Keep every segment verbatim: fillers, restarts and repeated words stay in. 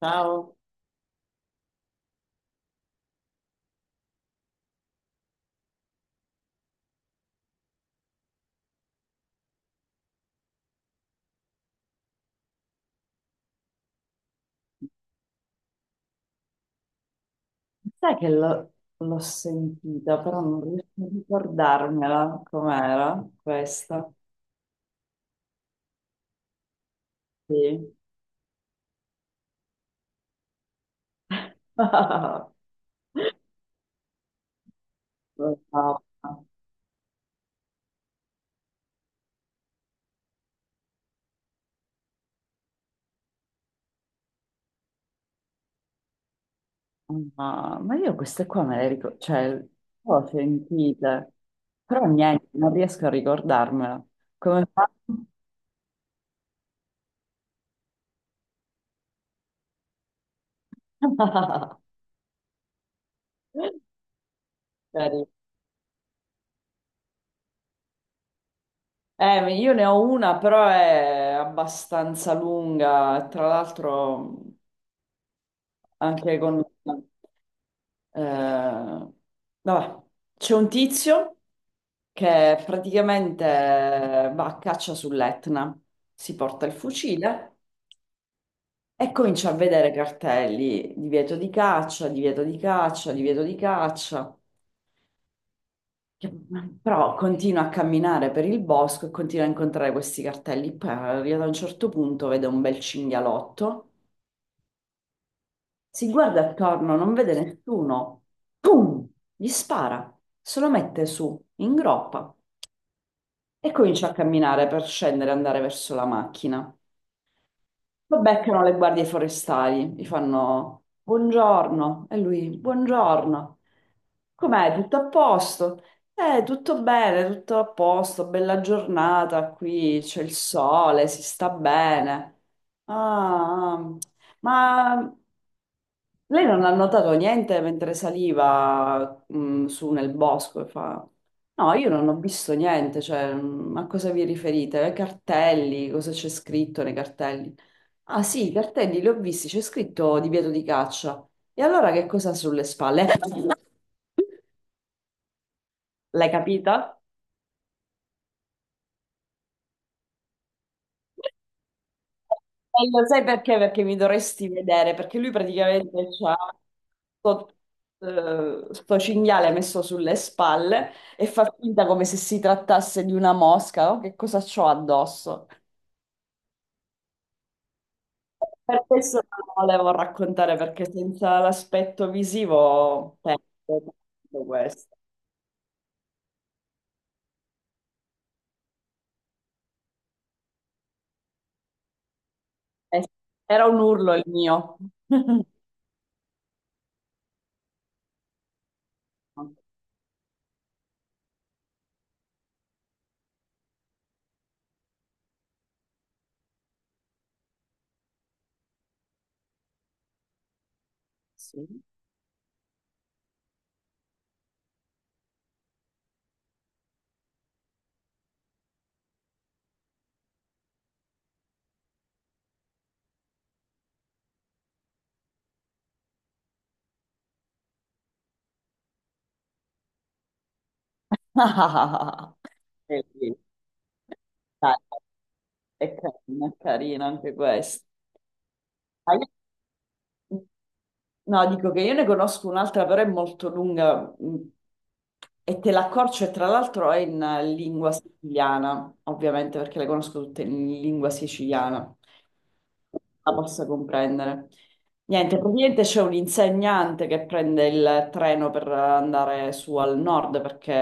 Ciao, sai che l'ho l'ho sentita, però non riesco a ricordarmela com'era questa. Sì. No, no, no, ma io queste qua me le ricordo, cioè le ho sentite, però niente, non riesco a ricordarmela. Come fa? Carino. Eh, io ne ho una, però è abbastanza lunga, tra l'altro anche con. Eh, Vabbè, c'è un tizio che praticamente eh, va a caccia sull'Etna, si porta il fucile e comincia a vedere cartelli, divieto di caccia, divieto di caccia, divieto di caccia. Che- Però continua a camminare per il bosco e continua a incontrare questi cartelli. Poi arriva a un certo punto, vede un bel cinghialotto, si guarda attorno, non vede nessuno. Pum! Gli spara, se lo mette su, in groppa. E comincia a camminare per scendere e andare verso la macchina. Lo beccano le guardie forestali, gli fanno buongiorno e lui buongiorno. Com'è? Tutto a posto? Eh, tutto bene, tutto a posto, bella giornata qui, c'è il sole, si sta bene. Ah, ah. Ma lei non ha notato niente mentre saliva, mh, su nel bosco e fa. No, io non ho visto niente, cioè, mh, a cosa vi riferite? Ai cartelli, cosa c'è scritto nei cartelli? Ah sì, i cartelli li ho visti, c'è scritto divieto di caccia. E allora che cosa ha sulle spalle? L'hai capita? E lo sai perché? Perché mi dovresti vedere, perché lui praticamente c'ha sto, eh, sto cinghiale messo sulle spalle e fa finta come se si trattasse di una mosca, oh, che cosa c'ho addosso? Per questo non lo volevo raccontare, perché senza l'aspetto visivo perdo tutto questo. Eh, Era un urlo il mio. Sì. Bellissimo. Dai, è carino, è carino anche questo. No, dico che io ne conosco un'altra, però è molto lunga mh, e te l'accorcio e tra l'altro è in eh, lingua siciliana, ovviamente perché le conosco tutte in lingua siciliana, la possa comprendere. Niente, praticamente c'è un insegnante che prende il treno per andare su al nord perché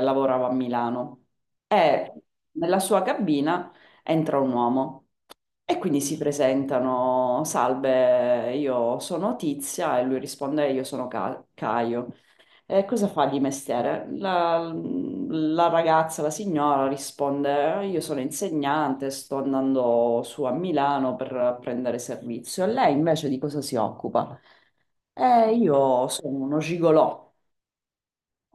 lavorava a Milano e nella sua cabina entra un uomo. E quindi si presentano, salve, io sono Tizia e lui risponde, io sono Ca- Caio. E cosa fa di mestiere? La, la ragazza, la signora risponde, io sono insegnante, sto andando su a Milano per prendere servizio. E lei invece di cosa si occupa? E io sono uno gigolò.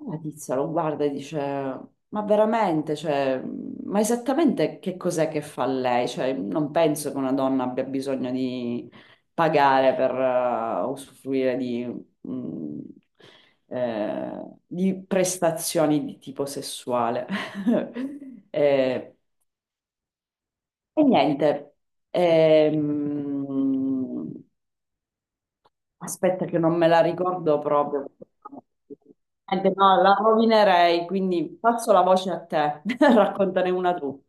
La tizia lo guarda e dice, ma veramente, cioè, ma esattamente che cos'è che fa lei? Cioè, non penso che una donna abbia bisogno di pagare per eh, usufruire di, mm, eh, di prestazioni di tipo sessuale. Eh, e niente, Ehm, Aspetta che non me la ricordo proprio. Eh, beh, no, la rovinerei, quindi passo la voce a te. Raccontane una tu.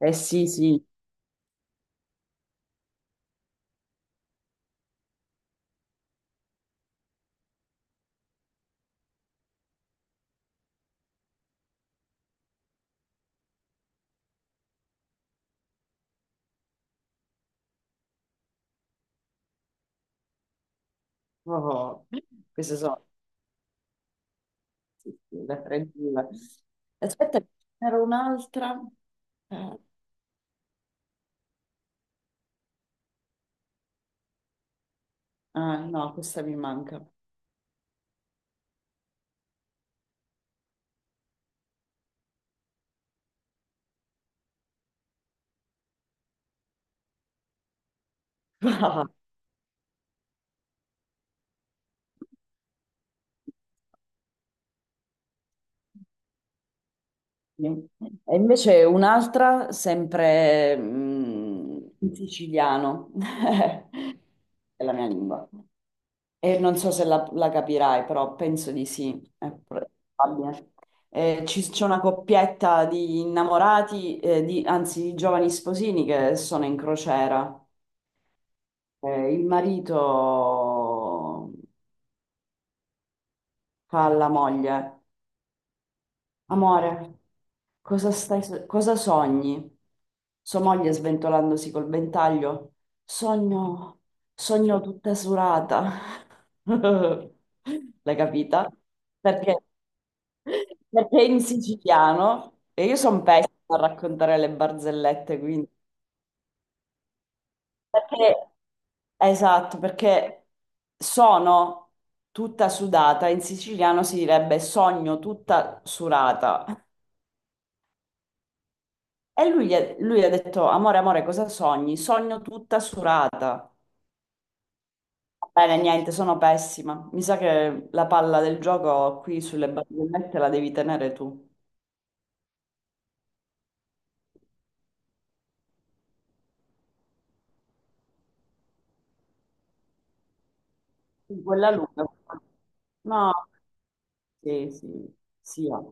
Eh sì, sì. Oh, queste sono sì, sì, le tre due. Aspetta, ce n'era un'altra. Eh, ah, no, questa mi manca. Sì. E invece un'altra, sempre mm, in siciliano, è la mia lingua. E non so se la, la capirai, però penso di sì, è probabile. Eh, ci- c'è una coppietta di innamorati, eh, di- anzi di giovani sposini che sono in crociera. Eh, il marito fa alla moglie. Amore, cosa stai, so- cosa sogni? Sua moglie sventolandosi col ventaglio. Sogno, sogno tutta surata. L'hai capita? Perché, perché in siciliano, e io sono pessima a raccontare le barzellette, quindi. Perché, esatto, perché sono tutta sudata, in siciliano si direbbe sogno tutta surata. E lui, gli ha- lui ha detto, amore, amore, cosa sogni? Sogno tutta surata. Va bene, niente, sono pessima. Mi sa che la palla del gioco qui sulle barzellette la devi tenere tu. Quella lunga. No, sì, sì, sì. Va.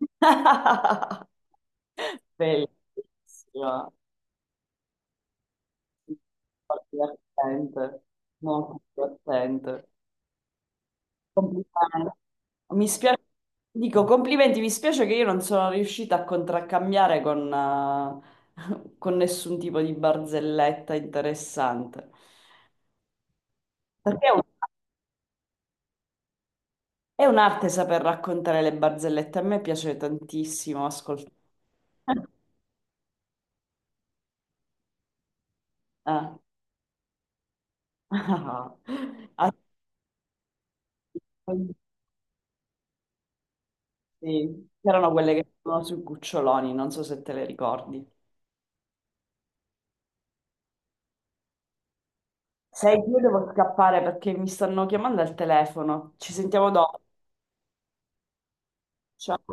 Bellissima. Molto divertente. Molto divertente. Complimenti. Mi spiace, dico complimenti, mi spiace che io non sono riuscita a contraccambiare con, eh, con nessun tipo di barzelletta interessante. Perché è un- è un'arte saper raccontare le barzellette, a me piace tantissimo ascoltare. Ah. Ah, ah, sì. C'erano quelle che sono sui cuccioloni, non so se te le ricordi. Sei, io devo scappare perché mi stanno chiamando al telefono. Ci sentiamo dopo. Ciao.